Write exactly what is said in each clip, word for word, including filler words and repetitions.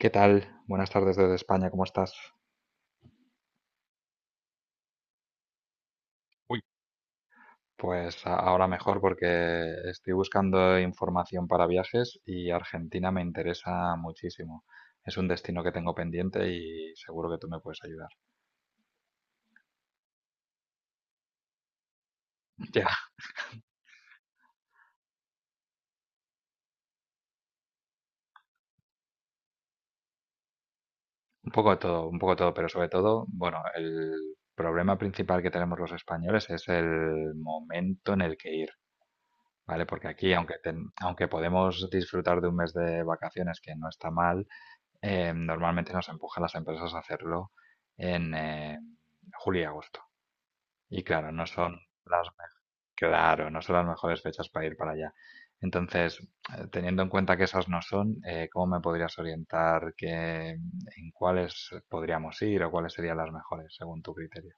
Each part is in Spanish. ¿Qué tal? Buenas tardes desde España, ¿cómo estás? Uy, pues a- ahora mejor porque estoy buscando información para viajes y Argentina me interesa muchísimo. Es un destino que tengo pendiente y seguro que tú me puedes ayudar. Ya, un poco de todo, un poco de todo, pero sobre todo, bueno, el problema principal que tenemos los españoles es el momento en el que ir, ¿vale? Porque aquí, aunque, ten- aunque podemos disfrutar de un mes de vacaciones, que no está mal, eh, normalmente nos empujan las empresas a hacerlo en eh, julio y agosto. Y claro, no son las, me- claro, no son las mejores fechas para ir para allá. Entonces, eh, teniendo en cuenta que esas no son, eh, ¿cómo me podrías orientar que, en cuáles podríamos ir o cuáles serían las mejores según tu criterio?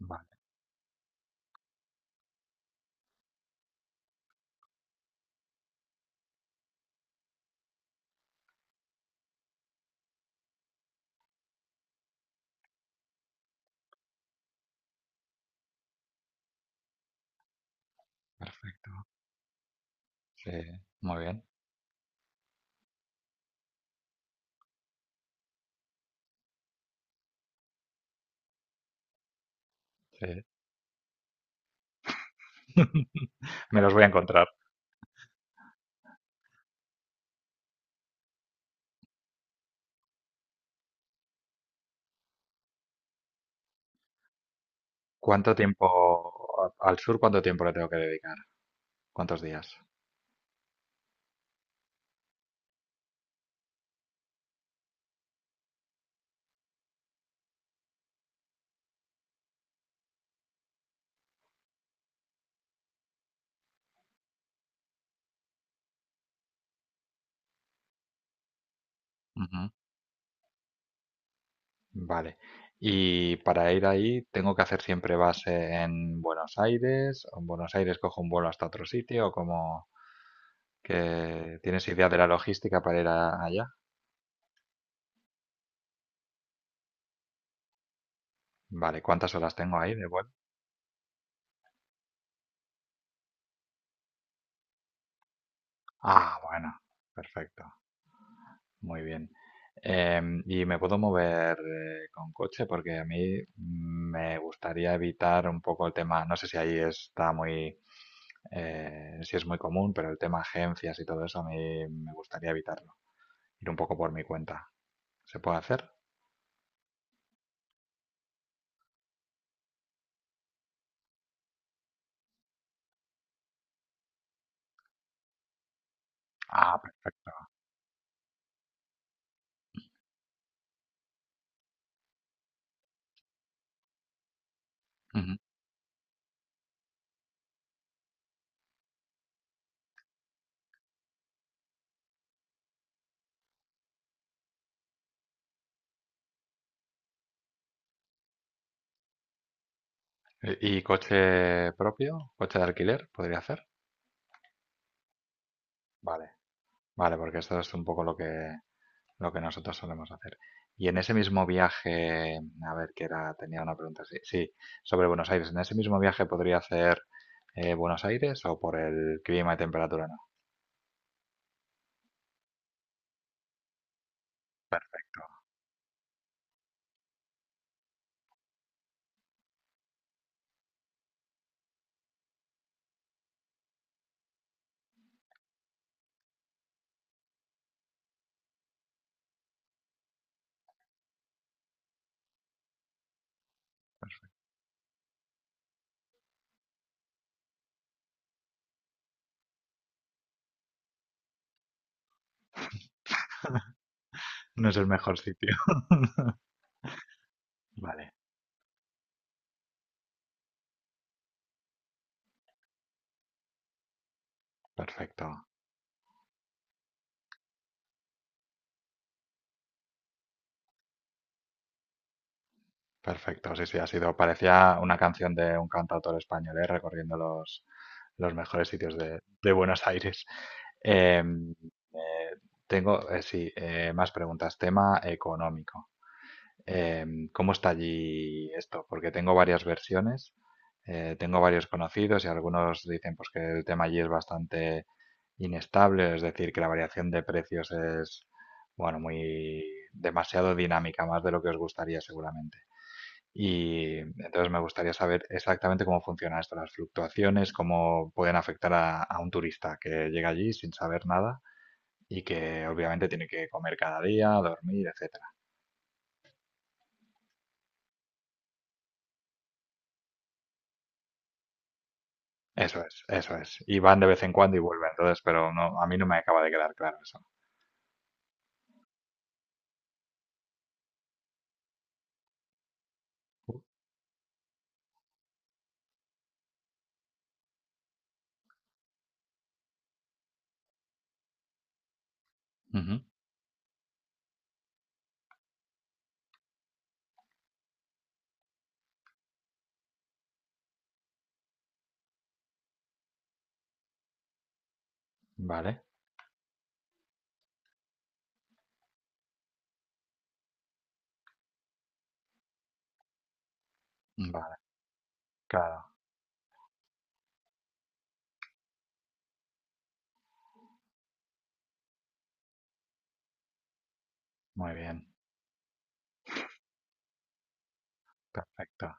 Vale, perfecto. Sí, muy bien. Sí. Me los voy a encontrar. ¿Cuánto tiempo al sur, cuánto tiempo le tengo que dedicar? ¿Cuántos días? Ujú. Vale. Y para ir ahí, ¿tengo que hacer siempre base en Buenos Aires? ¿O en Buenos Aires cojo un vuelo hasta otro sitio? ¿O como que tienes idea de la logística para ir a- allá? Vale, ¿cuántas horas tengo ahí de vuelo? Ah, bueno, perfecto, muy bien. Em, ¿y me puedo mover eh, con coche? Porque a mí me gustaría evitar un poco el tema, no sé si ahí está muy, eh, si es muy común, pero el tema agencias y todo eso a mí me gustaría evitarlo, ir un poco por mi cuenta. ¿Se puede hacer? Ah, perfecto. Ujú. ¿Y y coche propio? ¿Coche de alquiler? ¿Podría hacer? Vale, vale, porque esto es un poco lo que, lo que, nosotros solemos hacer. Y en ese mismo viaje, a ver, que era, tenía una pregunta, sí, sí, sobre Buenos Aires. ¿En ese mismo viaje podría hacer eh, Buenos Aires o por el clima y temperatura no? Per- No es el mejor sitio. Vale, perfecto. Perfecto, sí, sí, ha sido, parecía una canción de un cantautor español, ¿eh? Recorriendo los, los, mejores sitios de, de Buenos Aires. Em, eh, tengo, eh, sí, eh, más preguntas. Tema económico. Em, ¿cómo está allí esto? Porque tengo varias versiones, eh, tengo varios conocidos y algunos dicen pues, que el tema allí es bastante inestable, es decir, que la variación de precios es, bueno, muy demasiado dinámica, más de lo que os gustaría seguramente. Y entonces me gustaría saber exactamente cómo funciona esto, las fluctuaciones, cómo pueden afectar a, a un turista que llega allí sin saber nada y que obviamente tiene que comer cada día, dormir, etcétera. Eso es, eso es. Y van de vez en cuando y vuelven, entonces, pero no, a mí no me acaba de quedar claro eso. Ujú. Vale, vale, claro, muy bien, perfecto,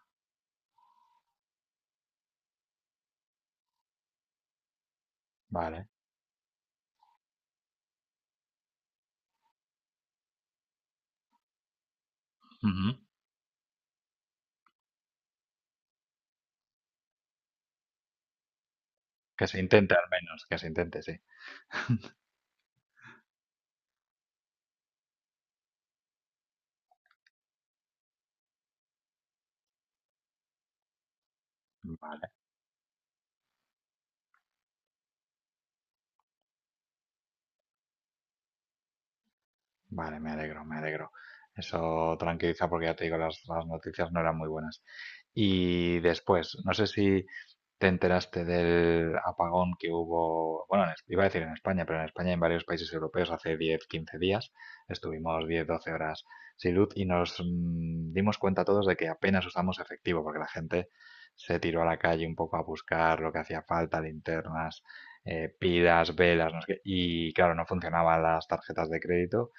vale. Ujú. Que se intente al menos, que se intente, sí. Vale. Vale, me alegro, me alegro. Eso tranquiliza porque ya te digo, las, las noticias no eran muy buenas. Y después, no sé si te enteraste del apagón que hubo, bueno, en Es- iba a decir en España, pero en España y en varios países europeos hace diez quince días. Estuvimos diez doce horas sin luz y nos mm, dimos cuenta todos de que apenas usamos efectivo porque la gente se tiró a la calle un poco a buscar lo que hacía falta, linternas, eh, pilas, velas, no sé qué. Y claro, no funcionaban las tarjetas de crédito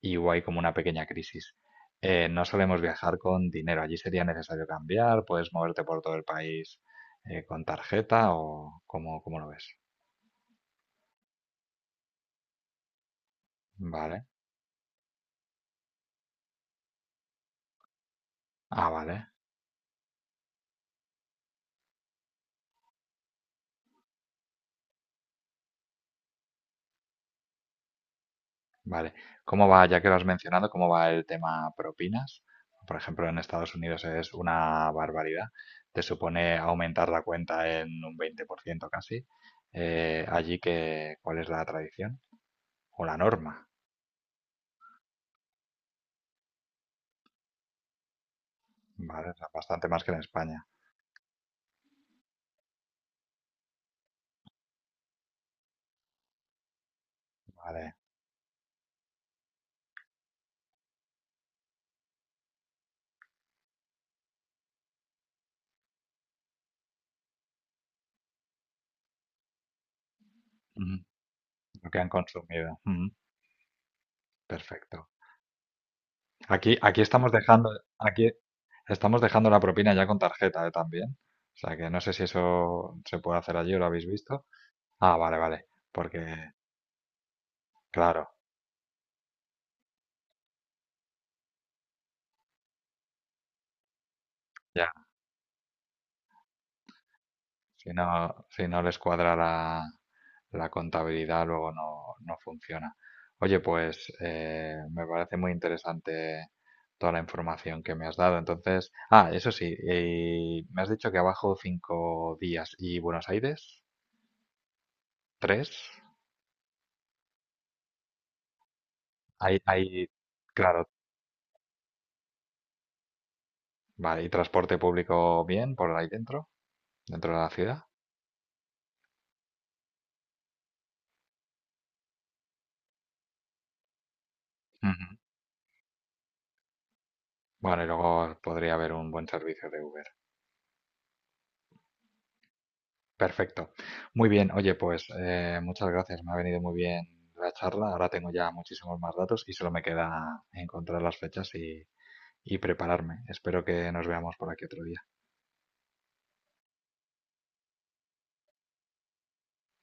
y hubo ahí como una pequeña crisis. Eh, no solemos viajar con dinero, allí sería necesario cambiar, puedes moverte por todo el país eh, con tarjeta o cómo, cómo, lo ves. Vale, ah, vale, vale. ¿Cómo va, ya que lo has mencionado, cómo va el tema propinas? Por ejemplo, en Estados Unidos es una barbaridad, te supone aumentar la cuenta en un veinte por ciento casi. Eh, allí que, ¿cuál es la tradición? O la norma, ¿vale? O sea, bastante más que en España, ¿vale? Lo que han consumido. Mm, perfecto. Aquí, aquí estamos dejando, aquí estamos dejando la propina ya con tarjeta, ¿eh? También. O sea que no sé si eso se puede hacer allí o lo habéis visto. Ah, vale, vale. Porque, claro, ya. Si no, si no les cuadra la, la, contabilidad, luego no, no funciona. Oye, pues eh, me parece muy interesante toda la información que me has dado. Entonces, ah, eso sí, y me has dicho que abajo cinco días. ¿Y Buenos Aires? ¿Tres? ¿Hay, hay, claro, vale, y transporte público bien por ahí dentro, dentro, de la ciudad? Ujú. Bueno, y luego podría haber un buen servicio de Uber. Perfecto. Muy bien, oye, pues eh, muchas gracias, me ha venido muy bien la charla, ahora tengo ya muchísimos más datos y solo me queda encontrar las fechas y, y, prepararme. Espero que nos veamos por aquí otro día.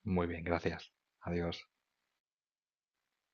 Muy bien, gracias. Adiós.